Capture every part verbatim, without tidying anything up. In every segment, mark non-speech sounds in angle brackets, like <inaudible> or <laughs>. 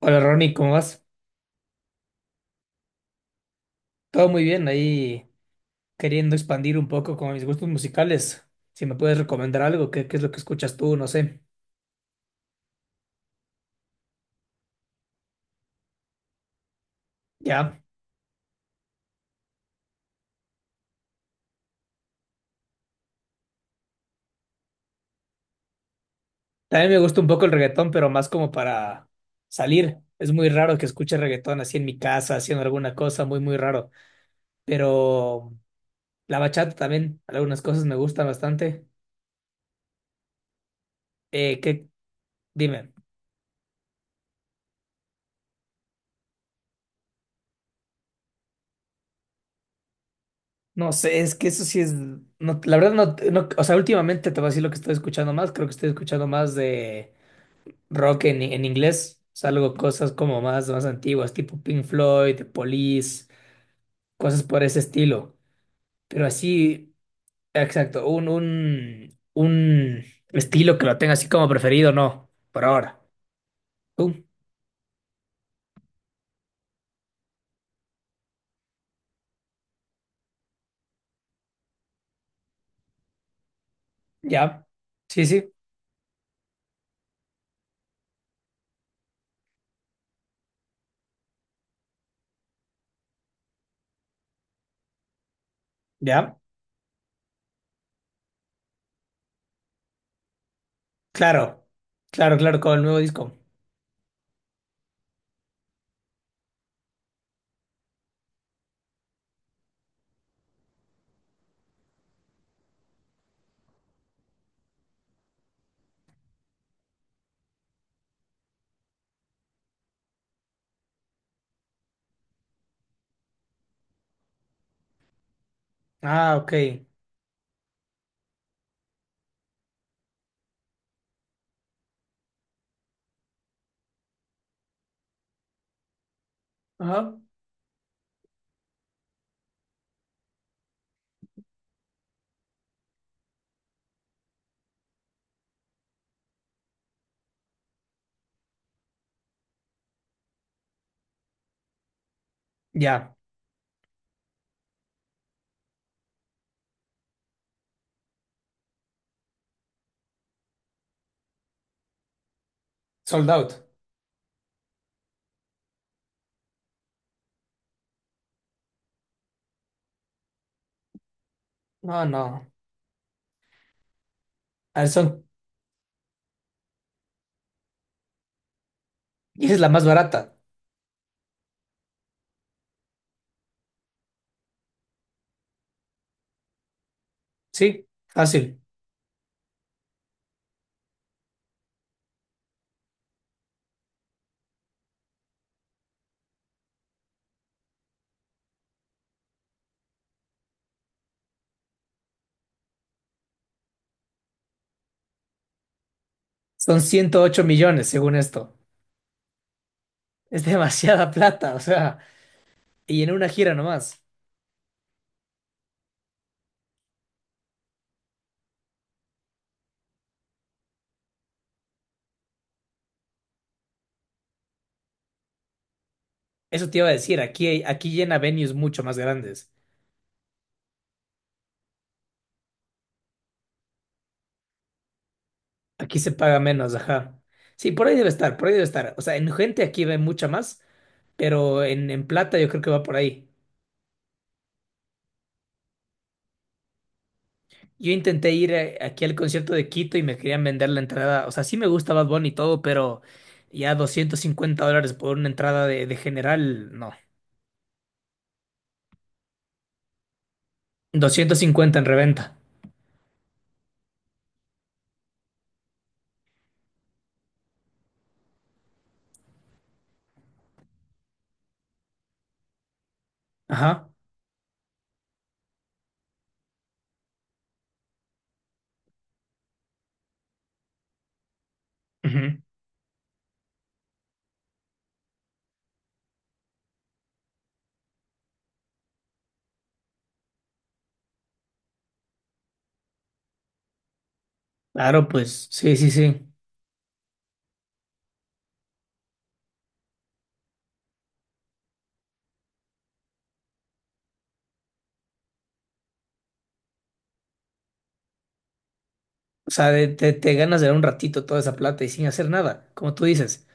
Hola Ronnie, ¿cómo vas? Todo muy bien, ahí queriendo expandir un poco con mis gustos musicales. Si me puedes recomendar algo, ¿qué, qué es lo que escuchas tú? No sé. Ya. También me gusta un poco el reggaetón, pero más como para salir. Es muy raro que escuche reggaetón así en mi casa, haciendo alguna cosa, muy, muy raro. Pero la bachata también, algunas cosas me gustan bastante. Eh, ¿qué? Dime. No sé, es que eso sí es. No, la verdad no, no. O sea, últimamente te voy a decir lo que estoy escuchando más. Creo que estoy escuchando más de. Rock en, en inglés, salgo cosas como más, más antiguas, tipo Pink Floyd, The Police, cosas por ese estilo. Pero así, exacto, un, un, un estilo que lo tenga así como preferido, no, por ahora. ¿Tú? ¿Ya? Sí, sí, ya. Claro, claro, claro, con el nuevo disco. Ah, ok. Ajá. Ya. Sold out. No, no. A ver, son, y esa es la más barata. Sí, fácil. Son ciento ocho millones, según esto. Es demasiada plata, o sea, y en una gira nomás. Eso te iba a decir, aquí, hay- aquí llena venues mucho más grandes. Aquí se paga menos, ajá. Sí, por ahí debe estar, por ahí debe estar. O sea, en gente aquí ve mucha más, pero en, en plata yo creo que va por ahí. Yo intenté ir eh, aquí al concierto de Quito y me querían vender la entrada. O sea, sí me gusta Bad Bunny y todo, pero ya doscientos cincuenta dólares por una entrada de, de general, no. Doscientos cincuenta en reventa. Ajá. Ujú. Claro, pues, sí, sí, sí. O sea, de- te, te ganas de dar un ratito toda esa plata y sin hacer nada, como tú dices.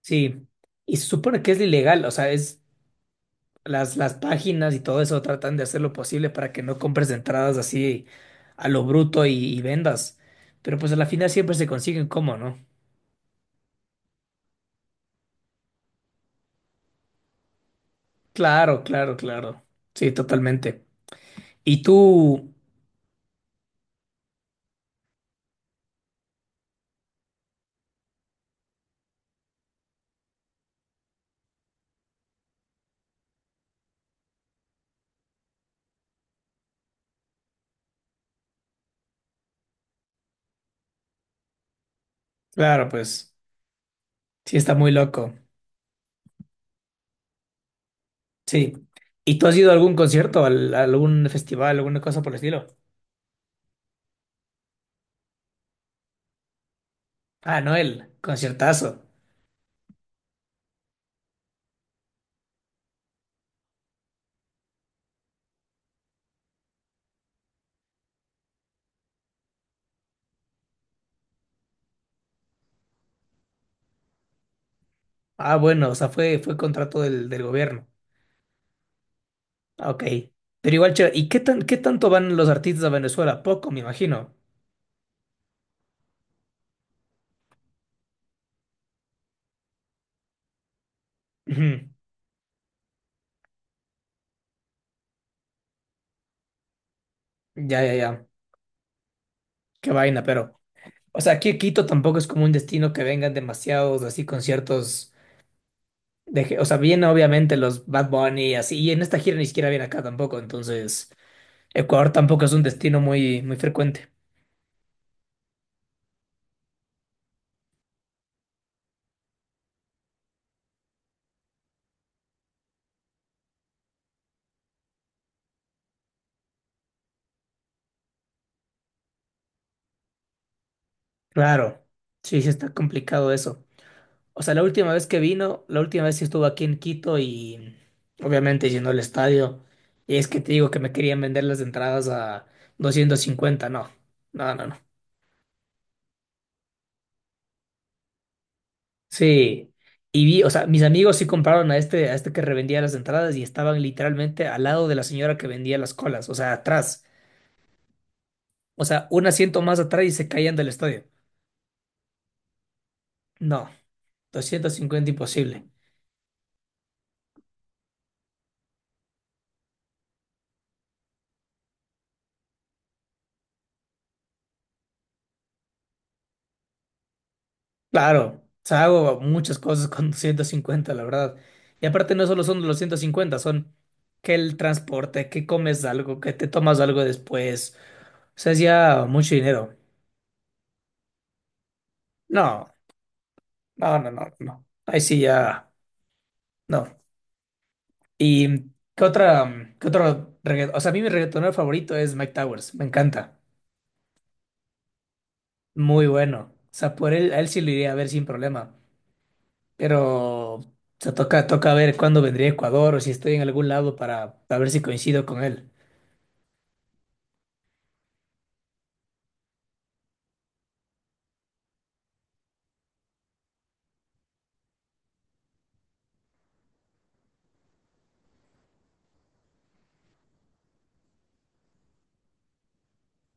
Sí. Y se supone que es ilegal, o sea, es las, las páginas y todo eso tratan de hacer lo posible para que no compres entradas así a lo bruto y, y vendas. Pero pues a la final siempre se consiguen cómo, ¿no? Claro, claro, claro. Sí, totalmente. Y tú, claro, pues, sí está muy loco. Sí. ¿Y tú has ido a algún concierto, al- a algún festival, alguna cosa por el estilo? Ah, Noel, el conciertazo. Ah, bueno, o sea, fue, fue contrato del, del gobierno. Ah, ok. Pero igual, chévere. ¿Y qué tan, qué tanto van los artistas a Venezuela? Poco, me imagino. Ujú. Ya, ya, ya. Qué vaina, pero. O sea, aquí Quito tampoco es como un destino que vengan demasiados así conciertos. De, ge- o sea, vienen obviamente los Bad Bunny y así. Y en esta gira ni siquiera viene acá tampoco. Entonces, Ecuador tampoco es un destino muy, muy frecuente. Claro. Sí, sí está complicado eso. O sea, la última vez que vino, la última vez sí estuvo aquí en Quito y obviamente llenó el estadio. Y es que te digo que me querían vender las entradas a doscientos cincuenta, no. No, no, no. Sí. Y vi, o sea, mis amigos sí compraron a este, a este que revendía las entradas y estaban literalmente al lado de la señora que vendía las colas, o sea, atrás. O sea, un asiento más atrás y se caían del estadio. No, doscientos cincuenta imposible. Claro, o sea, hago muchas cosas con <laughs> ciento cincuenta, la verdad. Y aparte no solo son los ciento cincuenta, son que el transporte, que comes algo, que te tomas algo después. O sea, es ya mucho dinero. No, no, no, no, no. Ahí sí ya, no. ¿Y mm, qué otra, mm, qué otro reggaetón? O sea, a mí mi reggaetonero favorito es Mike Towers, me encanta. Muy bueno. O sea, por él, a él sí lo iría a ver sin problema. Pero. Se toca, toca ver cuándo vendría a Ecuador o si estoy en algún lado para, para ver si coincido con él.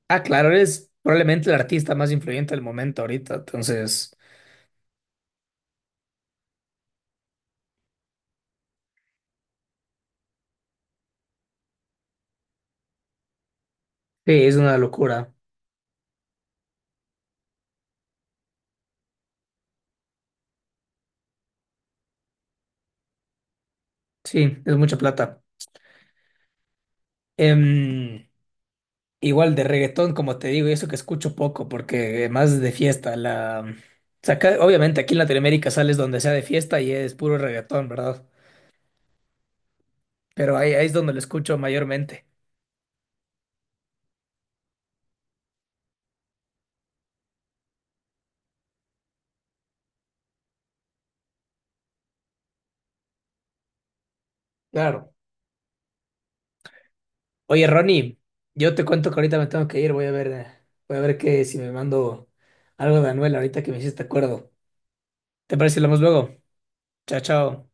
Ah, claro, eres probablemente el artista más influyente del momento ahorita, entonces, sí, es una locura. Sí, es mucha plata. Em, Igual de reggaetón, como te digo, y eso que escucho poco, porque más de fiesta, la... o sea, acá- obviamente aquí en Latinoamérica sales donde sea de fiesta y es puro reggaetón, ¿verdad? Pero ahí, ahí es donde lo escucho mayormente. Claro. Oye, Ronnie, yo te cuento que ahorita me tengo que ir, voy a ver, eh, voy a ver que si me mando algo de Anuel ahorita que me hiciste acuerdo. ¿Te parece si hablamos luego? Chao, chao.